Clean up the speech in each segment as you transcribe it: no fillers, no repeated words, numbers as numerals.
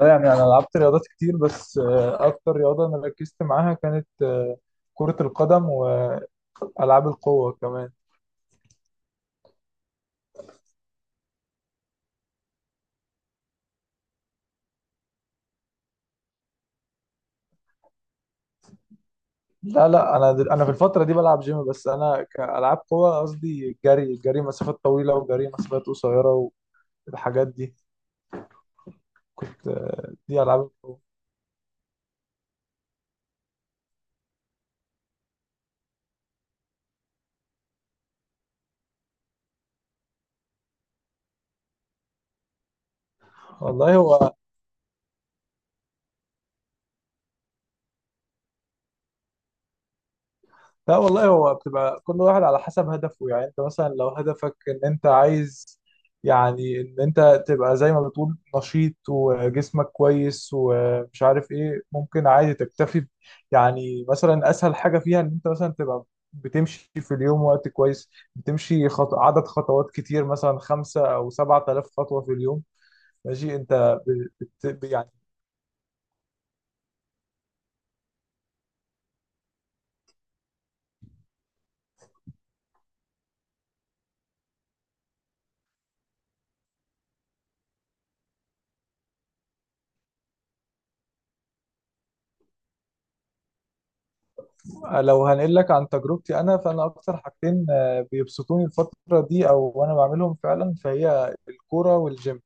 لا، يعني انا لعبت رياضات كتير بس اكتر رياضه انا ركزت معاها كانت كره القدم والعاب القوه كمان. لا، لا، انا انا في الفتره دي بلعب جيم، بس انا كالعاب قوه قصدي جري، مسافات طويله وجري مسافات قصيره والحاجات دي. كنت دي العاب القوه. والله هو لا، والله هو بتبقى كل واحد على حسب هدفه. يعني انت مثلا لو هدفك ان انت عايز، يعني ان انت تبقى زي ما بتقول نشيط وجسمك كويس ومش عارف ايه، ممكن عادي تكتفي يعني مثلا اسهل حاجة فيها ان انت مثلا تبقى بتمشي في اليوم وقت كويس، بتمشي عدد خطوات كتير، مثلا 5 أو 7 آلاف خطوة في اليوم. ماشي انت يعني لو هنقول لك عن تجربتي انا، فانا اكتر حاجتين بيبسطوني الفتره دي، او وانا بعملهم فعلا، فهي الكوره والجيم.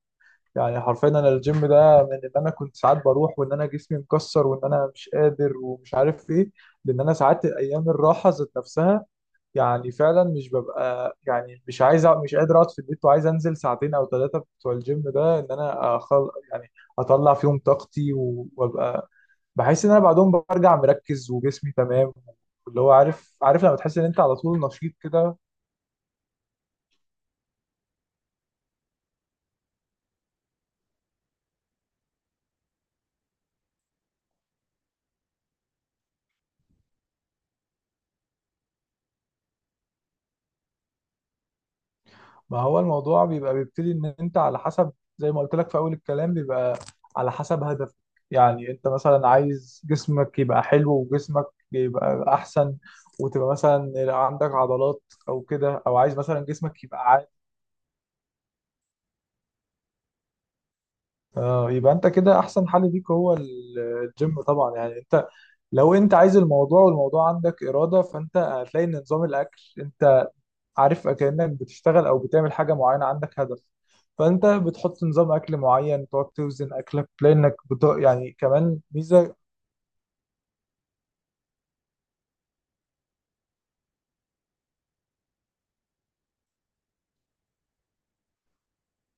يعني حرفيا انا الجيم ده من ان انا كنت ساعات بروح وان انا جسمي مكسر وان انا مش قادر ومش عارف ايه، لان انا ساعات ايام الراحه ذات نفسها يعني فعلا مش ببقى، يعني مش عايز أق- مش قادر اقعد في البيت وعايز انزل ساعتين او ثلاثه بتوع الجيم ده، ان انا أخل يعني اطلع فيهم طاقتي وابقى بحس ان انا بعدهم برجع مركز وجسمي تمام. اللي هو عارف لما تحس ان انت على طول نشيط كده. ما هو الموضوع بيبقى بيبتدي ان انت على حسب، زي ما قلت لك في اول الكلام، بيبقى على حسب هدف. يعني انت مثلا عايز جسمك يبقى حلو وجسمك يبقى احسن، وتبقى مثلا عندك عضلات او كده، او عايز مثلا جسمك يبقى عادي. اه، يبقى انت كده احسن حل ليك هو الجيم طبعا. يعني انت لو انت عايز الموضوع، والموضوع عندك اراده، فانت هتلاقي ان نظام الاكل، انت عارف كأنك بتشتغل او بتعمل حاجة معينة عندك هدف، فانت بتحط نظام اكل معين، تقعد توزن اكلك، لانك يعني كمان ميزة.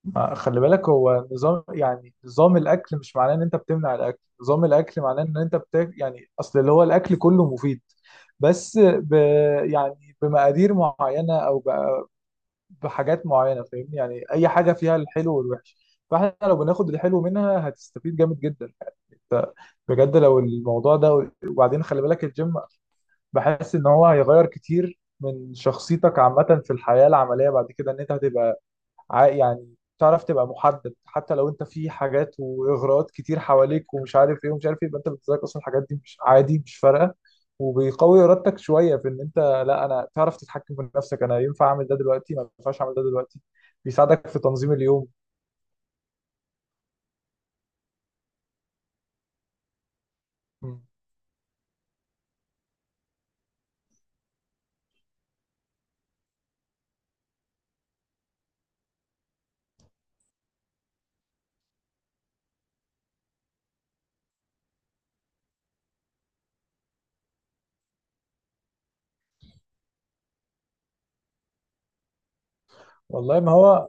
خلي بالك، هو نظام يعني نظام الاكل مش معناه ان انت بتمنع الاكل، نظام الاكل معناه ان انت يعني اصل اللي هو الاكل كله مفيد، بس يعني بمقادير معينة، او بحاجات معينه. فاهمني؟ يعني اي حاجه فيها الحلو والوحش، فاحنا لو بناخد الحلو منها هتستفيد جامد جدا يعني. انت بجد لو الموضوع ده، وبعدين خلي بالك الجيم بحس ان هو هيغير كتير من شخصيتك عامه في الحياه العمليه بعد كده، ان انت هتبقى يعني تعرف تبقى محدد، حتى لو انت في حاجات واغراءات كتير حواليك ومش عارف ايه ومش عارف ايه، يبقى انت بالنسبه لك اصلا الحاجات دي مش عادي، مش فارقه. وبيقوي ارادتك شويه في ان انت، لا، انا تعرف تتحكم في نفسك، انا ينفع اعمل ده دلوقتي، ما ينفعش اعمل ده دلوقتي. بيساعدك في تنظيم اليوم. م. والله ما هو،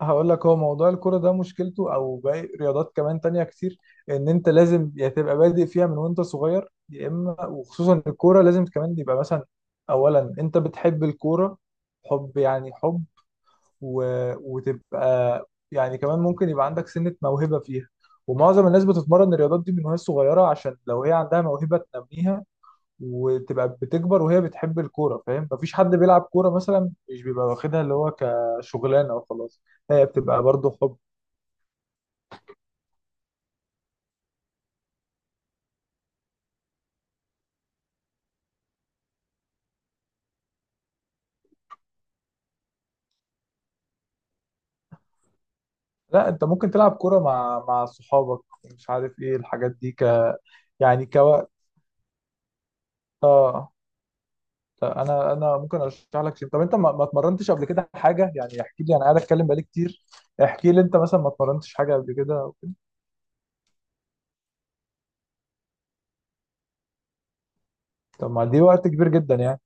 هقول لك، هو موضوع الكرة ده مشكلته او باقي رياضات كمان تانية كتير، ان انت لازم يا تبقى بادئ فيها من وانت صغير، يا اما، وخصوصا الكورة لازم كمان يبقى مثلا اولا انت بتحب الكورة، حب يعني حب، و... وتبقى، يعني كمان ممكن يبقى عندك سنة موهبة فيها، ومعظم الناس بتتمرن الرياضات دي من وهي صغيرة، عشان لو هي عندها موهبة تنميها وتبقى بتكبر وهي بتحب الكوره. فاهم؟ مفيش حد بيلعب كوره مثلا مش بيبقى واخدها اللي هو كشغلانه وخلاص، هي بتبقى برضه حب. لا، انت ممكن تلعب كوره مع صحابك، مش عارف ايه الحاجات دي، يعني كوقت. اه، لا، انا ممكن ارشح لك شيء. طب انت ما اتمرنتش قبل كده حاجه؟ يعني احكي لي، انا قاعد اتكلم بقالي كتير، احكي لي انت مثلا ما اتمرنتش حاجه قبل كده أو كده. طب ما دي وقت كبير جدا يعني.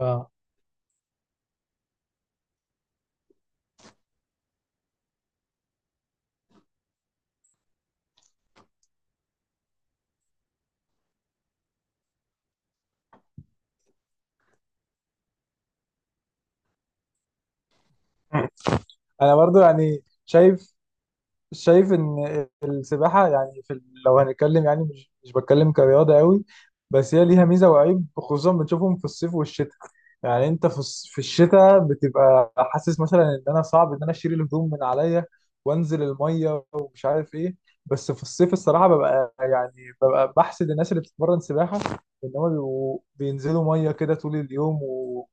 اه. انا برضو يعني شايف ان السباحه، يعني في لو هنتكلم يعني مش بتكلم كرياضه قوي، بس هي ليها ميزه وعيب خصوصا بنشوفهم في الصيف والشتاء. يعني انت في في الشتاء بتبقى حاسس مثلا ان انا صعب ان انا اشيل الهدوم من عليا وانزل الميه ومش عارف ايه، بس في الصيف الصراحه ببقى يعني ببقى بحسد الناس اللي بتتمرن سباحه، ان هم بيبقوا بينزلوا ميه كده طول اليوم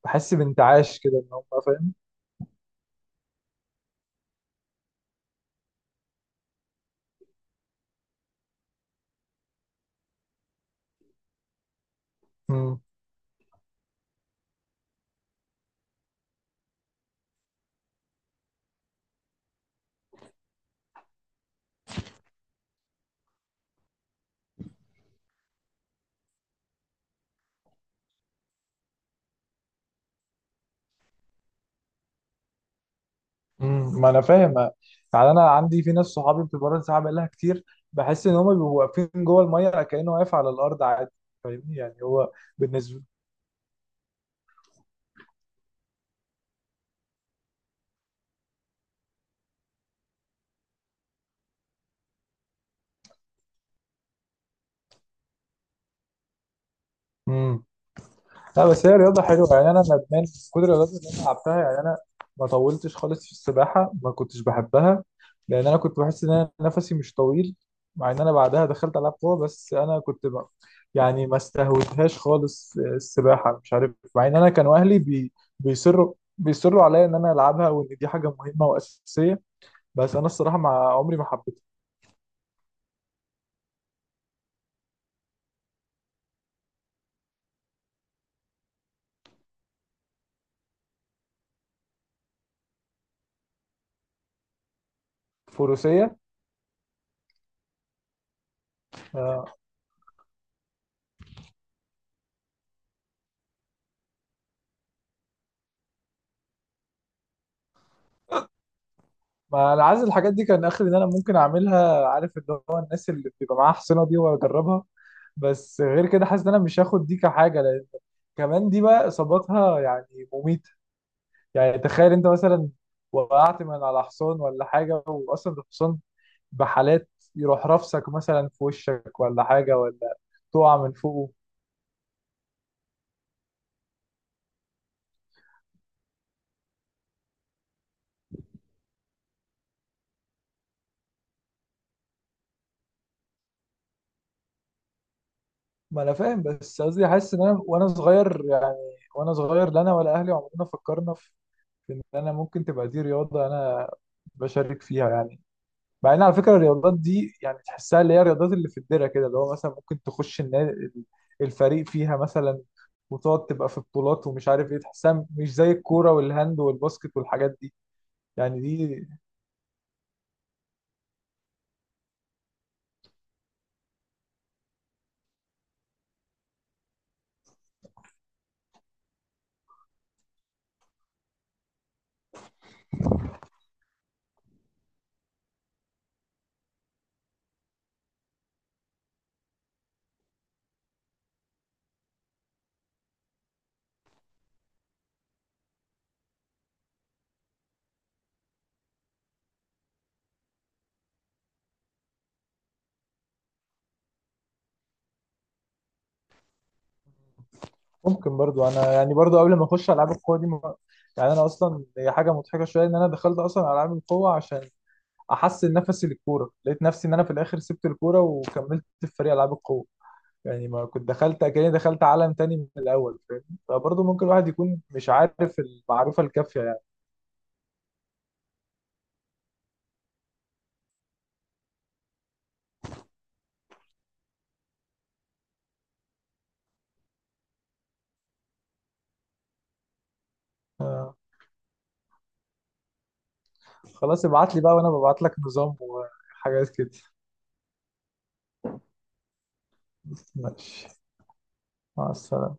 وبحس بانتعاش كده ان هم. فاهم؟ ما انا فاهم. يعني انا عندي في ناس صحابي بتبقى رد ساعه بقالها كتير، بحس ان هم بيبقوا واقفين جوه الميه كانه واقف على الارض عادي. فاهمني؟ يعني هو بالنسبه. مم. لا، بس هي رياضة حلوة يعني. أنا ندمان من كل الرياضات اللي أنا لعبتها يعني. أنا ما طولتش خالص في السباحة، ما كنتش بحبها، لأن أنا كنت بحس إن أنا نفسي مش طويل، مع إن أنا بعدها دخلت ألعاب قوة، بس أنا كنت يعني ما استهوتهاش خالص السباحة، مش عارف، مع إن أنا كانوا أهلي بيصروا عليا إن أنا ألعبها وإن دي حاجة مهمة وأساسية، بس أنا الصراحة مع عمري ما حبيتها. فروسية، آه، ما انا عايز الحاجات دي كان اخر ان انا ممكن اعملها، عارف اللي هو الناس اللي بيبقى معاها حصينه دي واجربها، بس غير كده حاسس ان انا مش هاخد دي كحاجه، لان كمان دي بقى اصاباتها يعني مميته. يعني تخيل انت مثلا وقعت من على حصان ولا حاجه، واصلا الحصان بحالات يروح رافسك مثلا في وشك ولا حاجه، ولا تقع من فوقه. ما انا فاهم، بس قصدي حاسس ان انا وانا صغير يعني، وانا صغير لا انا ولا اهلي عمرنا فكرنا ان انا ممكن تبقى دي رياضه انا بشارك فيها يعني، مع ان على فكره الرياضات دي يعني تحسها اللي هي الرياضات اللي في الدره كده، اللي هو مثلا ممكن تخش النادي، الفريق فيها مثلا، وتقعد تبقى في بطولات ومش عارف ايه، تحسها مش زي الكوره والهاند والباسكت والحاجات دي يعني. دي ممكن برضو انا يعني برضو قبل ما اخش العاب القوه دي يعني انا اصلا هي حاجه مضحكه شويه، ان انا دخلت اصلا العاب القوه عشان احسن نفسي للكوره، لقيت نفسي ان انا في الاخر سبت الكوره وكملت في فريق العاب القوه. يعني ما كنت دخلت، كأني دخلت عالم تاني من الأول. فاهم؟ فبرضه ممكن الواحد يكون مش عارف المعرفة الكافية يعني. آه، خلاص، ابعت لي بقى وأنا ببعت لك نظام وحاجات كده. ماشي. مع السلامة.